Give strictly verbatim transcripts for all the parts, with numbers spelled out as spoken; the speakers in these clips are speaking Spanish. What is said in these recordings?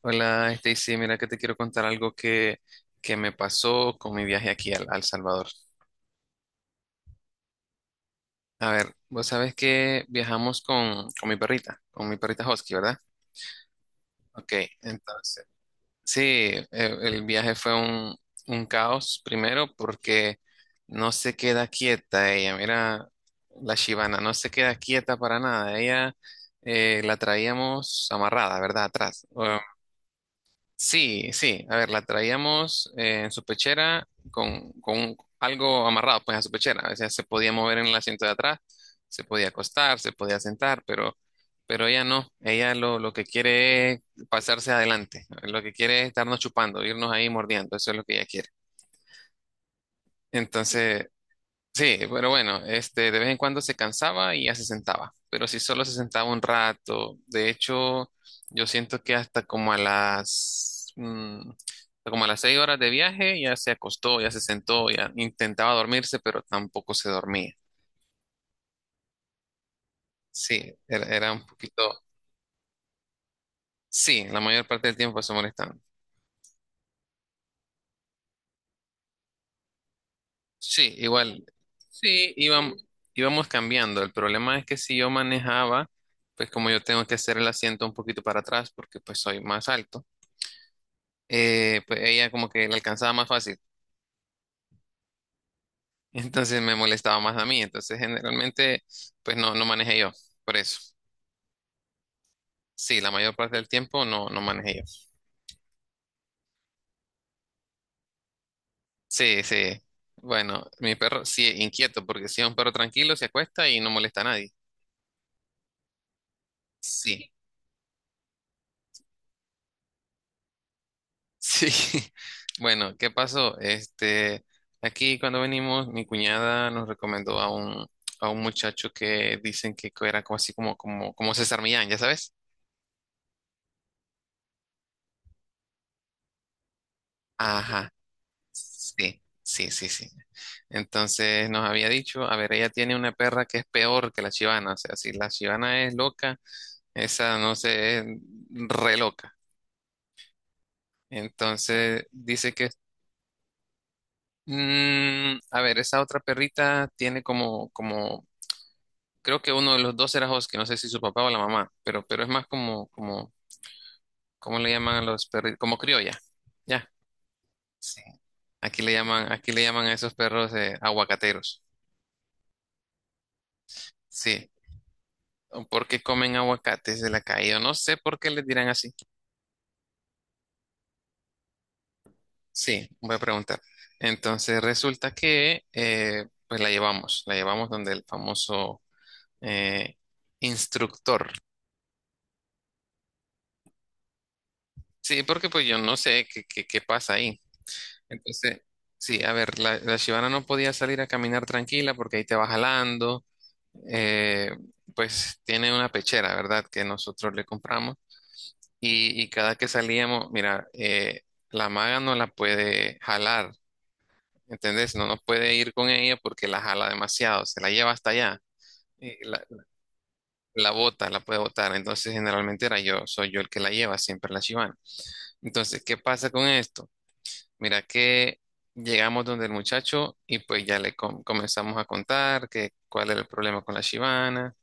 Hola, Stacy, mira que te quiero contar algo que, que me pasó con mi viaje aquí al, al Salvador. A ver, vos sabés que viajamos con, con mi perrita, con mi perrita Husky, ¿verdad? Ok, entonces, sí, eh, el viaje fue un, un caos primero porque no se queda quieta ella, mira, la Shibana, no se queda quieta para nada, ella eh, la traíamos amarrada, ¿verdad? Atrás. Sí, sí, a ver, la traíamos eh, en su pechera con, con algo amarrado pues a su pechera, a veces se podía mover en el asiento de atrás, se podía acostar, se podía sentar, pero, pero ella no, ella lo, lo que quiere es pasarse adelante, lo que quiere es estarnos chupando, irnos ahí mordiendo, eso es lo que ella quiere. Entonces, sí, pero bueno, este, de vez en cuando se cansaba y ya se sentaba, pero si solo se sentaba un rato, de hecho, yo siento que hasta como a las, mm, como a las seis horas de viaje ya se acostó, ya se sentó, ya intentaba dormirse, pero tampoco se dormía. Sí, era, era un poquito, sí, la mayor parte del tiempo se molestando. Sí, igual, sí, íbam- íbamos cambiando. El problema es que si yo manejaba, pues como yo tengo que hacer el asiento un poquito para atrás porque pues soy más alto. Eh, pues ella como que la alcanzaba más fácil. Entonces me molestaba más a mí. Entonces generalmente pues no, no manejé yo. Por eso. Sí, la mayor parte del tiempo no, no manejé yo. Sí, sí. Bueno, mi perro sí es inquieto porque si es un perro tranquilo se acuesta y no molesta a nadie. Sí, sí. Bueno, ¿qué pasó? Este, aquí cuando venimos, mi cuñada nos recomendó a un, a un muchacho que dicen que era como así como, como, como César Millán, ¿ya sabes? Ajá. Sí, sí, sí, sí. Entonces nos había dicho, a ver, ella tiene una perra que es peor que la chivana, o sea, si la chivana es loca, esa no sé, es re loca. Entonces dice que, mm, a ver, esa otra perrita tiene como, como, creo que uno de los dos era Husky, no sé si su papá o la mamá, pero, pero es más como, como, ¿cómo le llaman a los perritos? Como criolla, ya. Sí. Aquí le llaman, aquí le llaman a esos perros eh, aguacateros. Sí. ¿O por qué comen aguacates de la calle? Yo no sé por qué les dirán así. Sí, voy a preguntar. Entonces resulta que eh, pues la llevamos, la llevamos donde el famoso eh, instructor. Sí, porque pues yo no sé qué, qué, qué pasa ahí. Entonces, sí, a ver, la, la Shibana no podía salir a caminar tranquila porque ahí te va jalando. Eh, pues tiene una pechera, ¿verdad? Que nosotros le compramos. Y, y cada que salíamos, mira, eh, la maga no la puede jalar. ¿Entendés? No, no puede ir con ella porque la jala demasiado, se la lleva hasta allá, y la, la bota, la puede botar. Entonces, generalmente era yo, soy yo el que la lleva, siempre la chivana. Entonces, ¿qué pasa con esto? Mira que llegamos donde el muchacho y pues ya le com- comenzamos a contar que cuál era el problema con la chivana,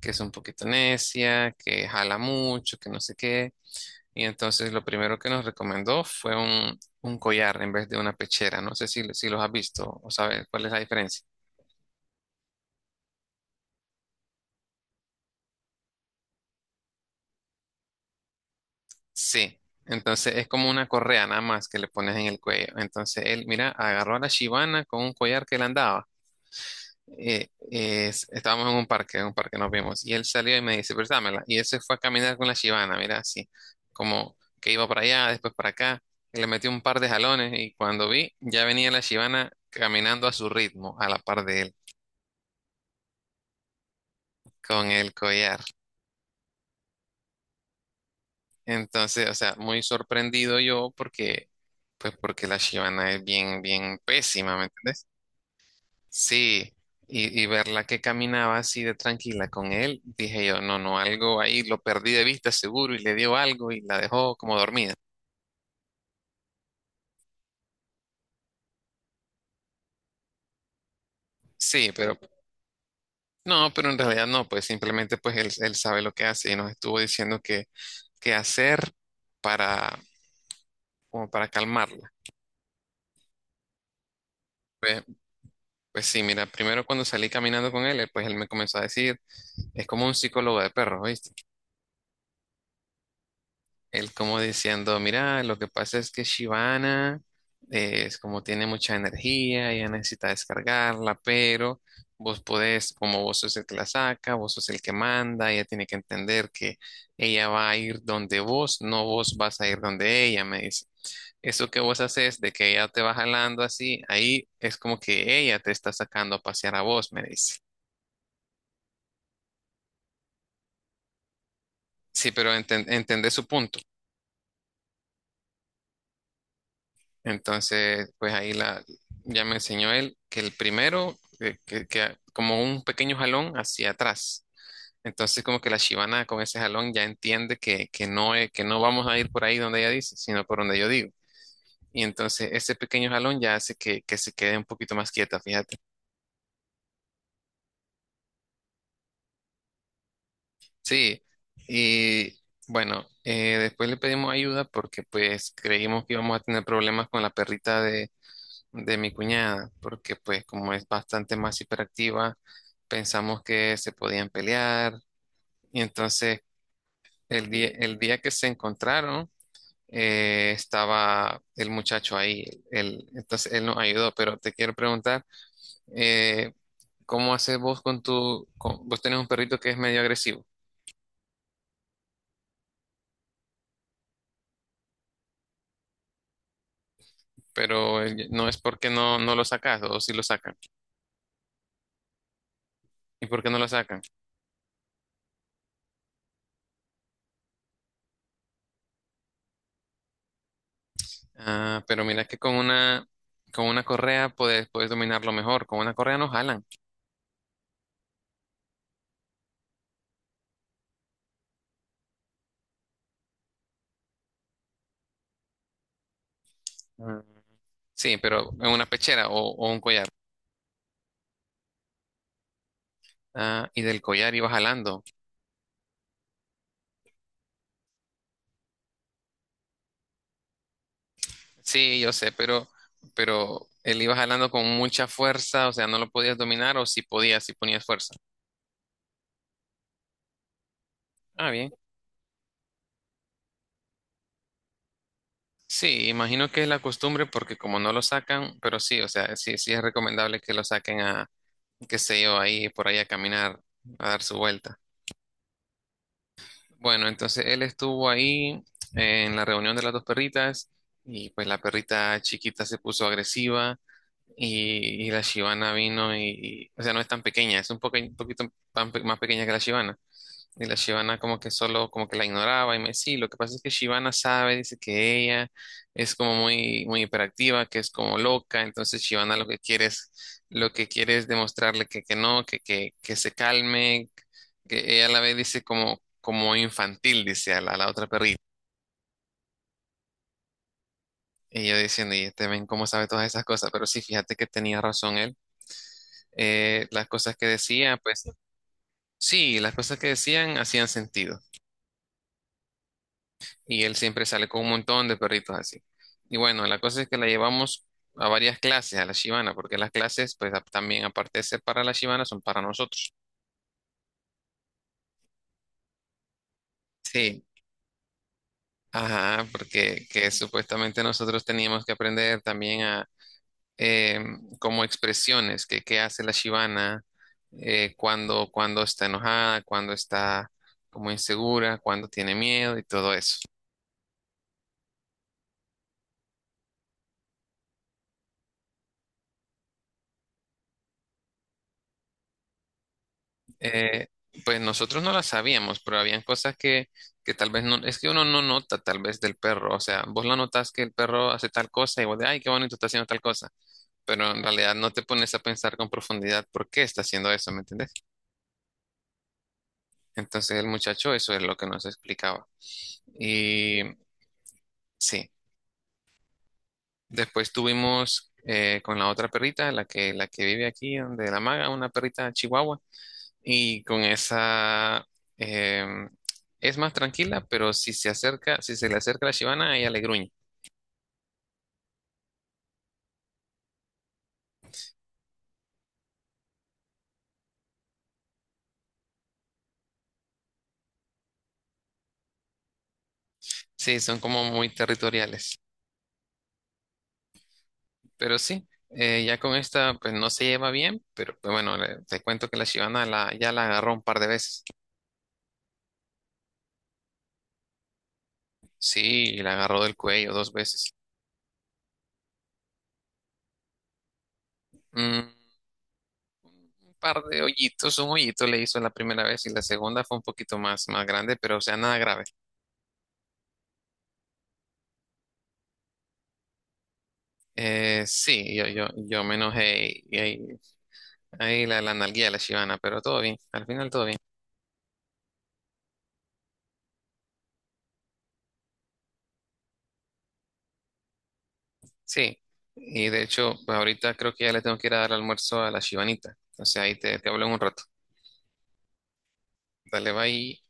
que es un poquito necia, que jala mucho, que no sé qué. Y entonces lo primero que nos recomendó fue un, un collar en vez de una pechera. No sé si, si los has visto o sabes cuál es la diferencia. Sí, entonces es como una correa nada más que le pones en el cuello. Entonces él, mira, agarró a la Shibana con un collar que le andaba. Eh, eh, es- estábamos en un parque, en un parque nos vimos. Y él salió y me dice, préstamela. Y él se fue a caminar con la Shibana, mira, así, como que iba para allá, después para acá. Y le metió un par de jalones y cuando vi, ya venía la Shibana caminando a su ritmo, a la par de él, con el collar. Entonces, o sea, muy sorprendido yo porque, pues porque la Shibana es bien, bien pésima, ¿me entiendes? Sí, y, y verla que caminaba así de tranquila con él, dije yo, no, no, algo ahí lo perdí de vista seguro y le dio algo y la dejó como dormida. Sí, pero no, pero en realidad no, pues simplemente pues él, él sabe lo que hace y nos estuvo diciendo que, qué hacer para, como para calmarla. Pues, pues sí, mira, primero cuando salí caminando con él, él, pues él me comenzó a decir, es como un psicólogo de perros, ¿oíste? Él como diciendo, mira, lo que pasa es que Shivana eh, es como tiene mucha energía, ella necesita descargarla, pero vos podés, como vos sos el que la saca, vos sos el que manda, ella tiene que entender que ella va a ir donde vos, no vos vas a ir donde ella, me dice. Eso que vos haces de que ella te va jalando así, ahí es como que ella te está sacando a pasear a vos, me dice. Sí, pero enten- entendés su punto. Entonces, pues ahí la, ya me enseñó él que el primero, eh, que, que como un pequeño jalón hacia atrás. Entonces, como que la chivana con ese jalón ya entiende que, que no, es- que no vamos a ir por ahí donde ella dice, sino por donde yo digo. Y entonces ese pequeño jalón ya hace que, que se quede un poquito más quieta, fíjate. Sí, y bueno, eh, después le pedimos ayuda porque pues creímos que íbamos a tener problemas con la perrita de de mi cuñada, porque pues como es bastante más hiperactiva, pensamos que se podían pelear y entonces el día, el día que se encontraron eh, estaba el muchacho ahí, él, entonces él nos ayudó, pero te quiero preguntar, eh, ¿cómo haces vos con tu, con- vos tenés un perrito que es medio agresivo, pero eh, no es porque no, no lo sacas o si lo sacan? ¿Y por qué no lo sacan? Ah, pero mira que con una, con una correa puedes, puedes dominarlo mejor. Con una correa no jalan. Ah. Sí, pero en una pechera o, o un collar. Ah, y del collar iba jalando. Sí, yo sé, pero, pero él iba jalando con mucha fuerza, o sea, no lo podías dominar o si podías, si ponías fuerza. Ah, bien. Sí, imagino que es la costumbre porque como no lo sacan, pero sí, o sea, sí, sí es recomendable que lo saquen a, qué sé yo, ahí por ahí a caminar, a dar su vuelta. Bueno, entonces él estuvo ahí en la reunión de las dos perritas y pues la perrita chiquita se puso agresiva y, y la Shibana vino y, y- o sea, no es tan pequeña, es un, poque- un poquito pan- más pequeña que la Shibana. Y la Shivana como que solo, como que la ignoraba y me decía, sí, lo que pasa es que Shivana sabe, dice que ella es como muy, muy hiperactiva, que es como loca, entonces Shivana lo que quiere es, lo que quiere es demostrarle que, que no, que, que, que se calme, que ella la ve, dice como, como infantil, dice a la, a la otra perrita. Y yo diciendo, y te ven cómo sabe todas esas cosas, pero sí, fíjate que tenía razón él. Eh, las cosas que decía, pues sí, las cosas que decían hacían sentido. Y él siempre sale con un montón de perritos así. Y bueno, la cosa es que la llevamos a varias clases, a la Shibana, porque las clases, pues a- también aparte de ser para la Shibana, son para nosotros. Sí, ajá, porque que supuestamente nosotros teníamos que aprender también a em, como expresiones, que qué hace la Shibana eh, cuando, cuando está enojada, cuando está como insegura, cuando tiene miedo y todo eso. Eh, pues nosotros no las sabíamos, pero habían cosas que, que tal vez no, es que uno no nota tal vez del perro, o sea, vos la notas que el perro hace tal cosa y vos de, ay, qué bonito está haciendo tal cosa, pero en realidad no te pones a pensar con profundidad por qué está haciendo eso, ¿me entendés? Entonces el muchacho eso es lo que nos explicaba. Y sí, después tuvimos eh, con la otra perrita, la que, la que vive aquí, donde la maga, una perrita chihuahua. Y con esa em, es más tranquila, pero si se acerca, si se le acerca la Shivana, ella le gruñe. Sí, son como muy territoriales. Pero sí, eh, ya con esta, pues no se lleva bien, pero pues, bueno, le- te cuento que la Shivana la, ya la agarró un par de veces. Sí, y la agarró del cuello dos veces. Mm, un par de hoyitos, un hoyito le hizo la primera vez y la segunda fue un poquito más, más grande, pero o sea, nada grave. Eh, sí, yo, yo, yo me enojé y, y ahí la, la nalgué a la Shivana, pero todo bien, al final todo bien. Sí, y de hecho, pues ahorita creo que ya le tengo que ir a dar almuerzo a la Shivanita. Entonces ahí te, te hablo en un rato. Dale, bye.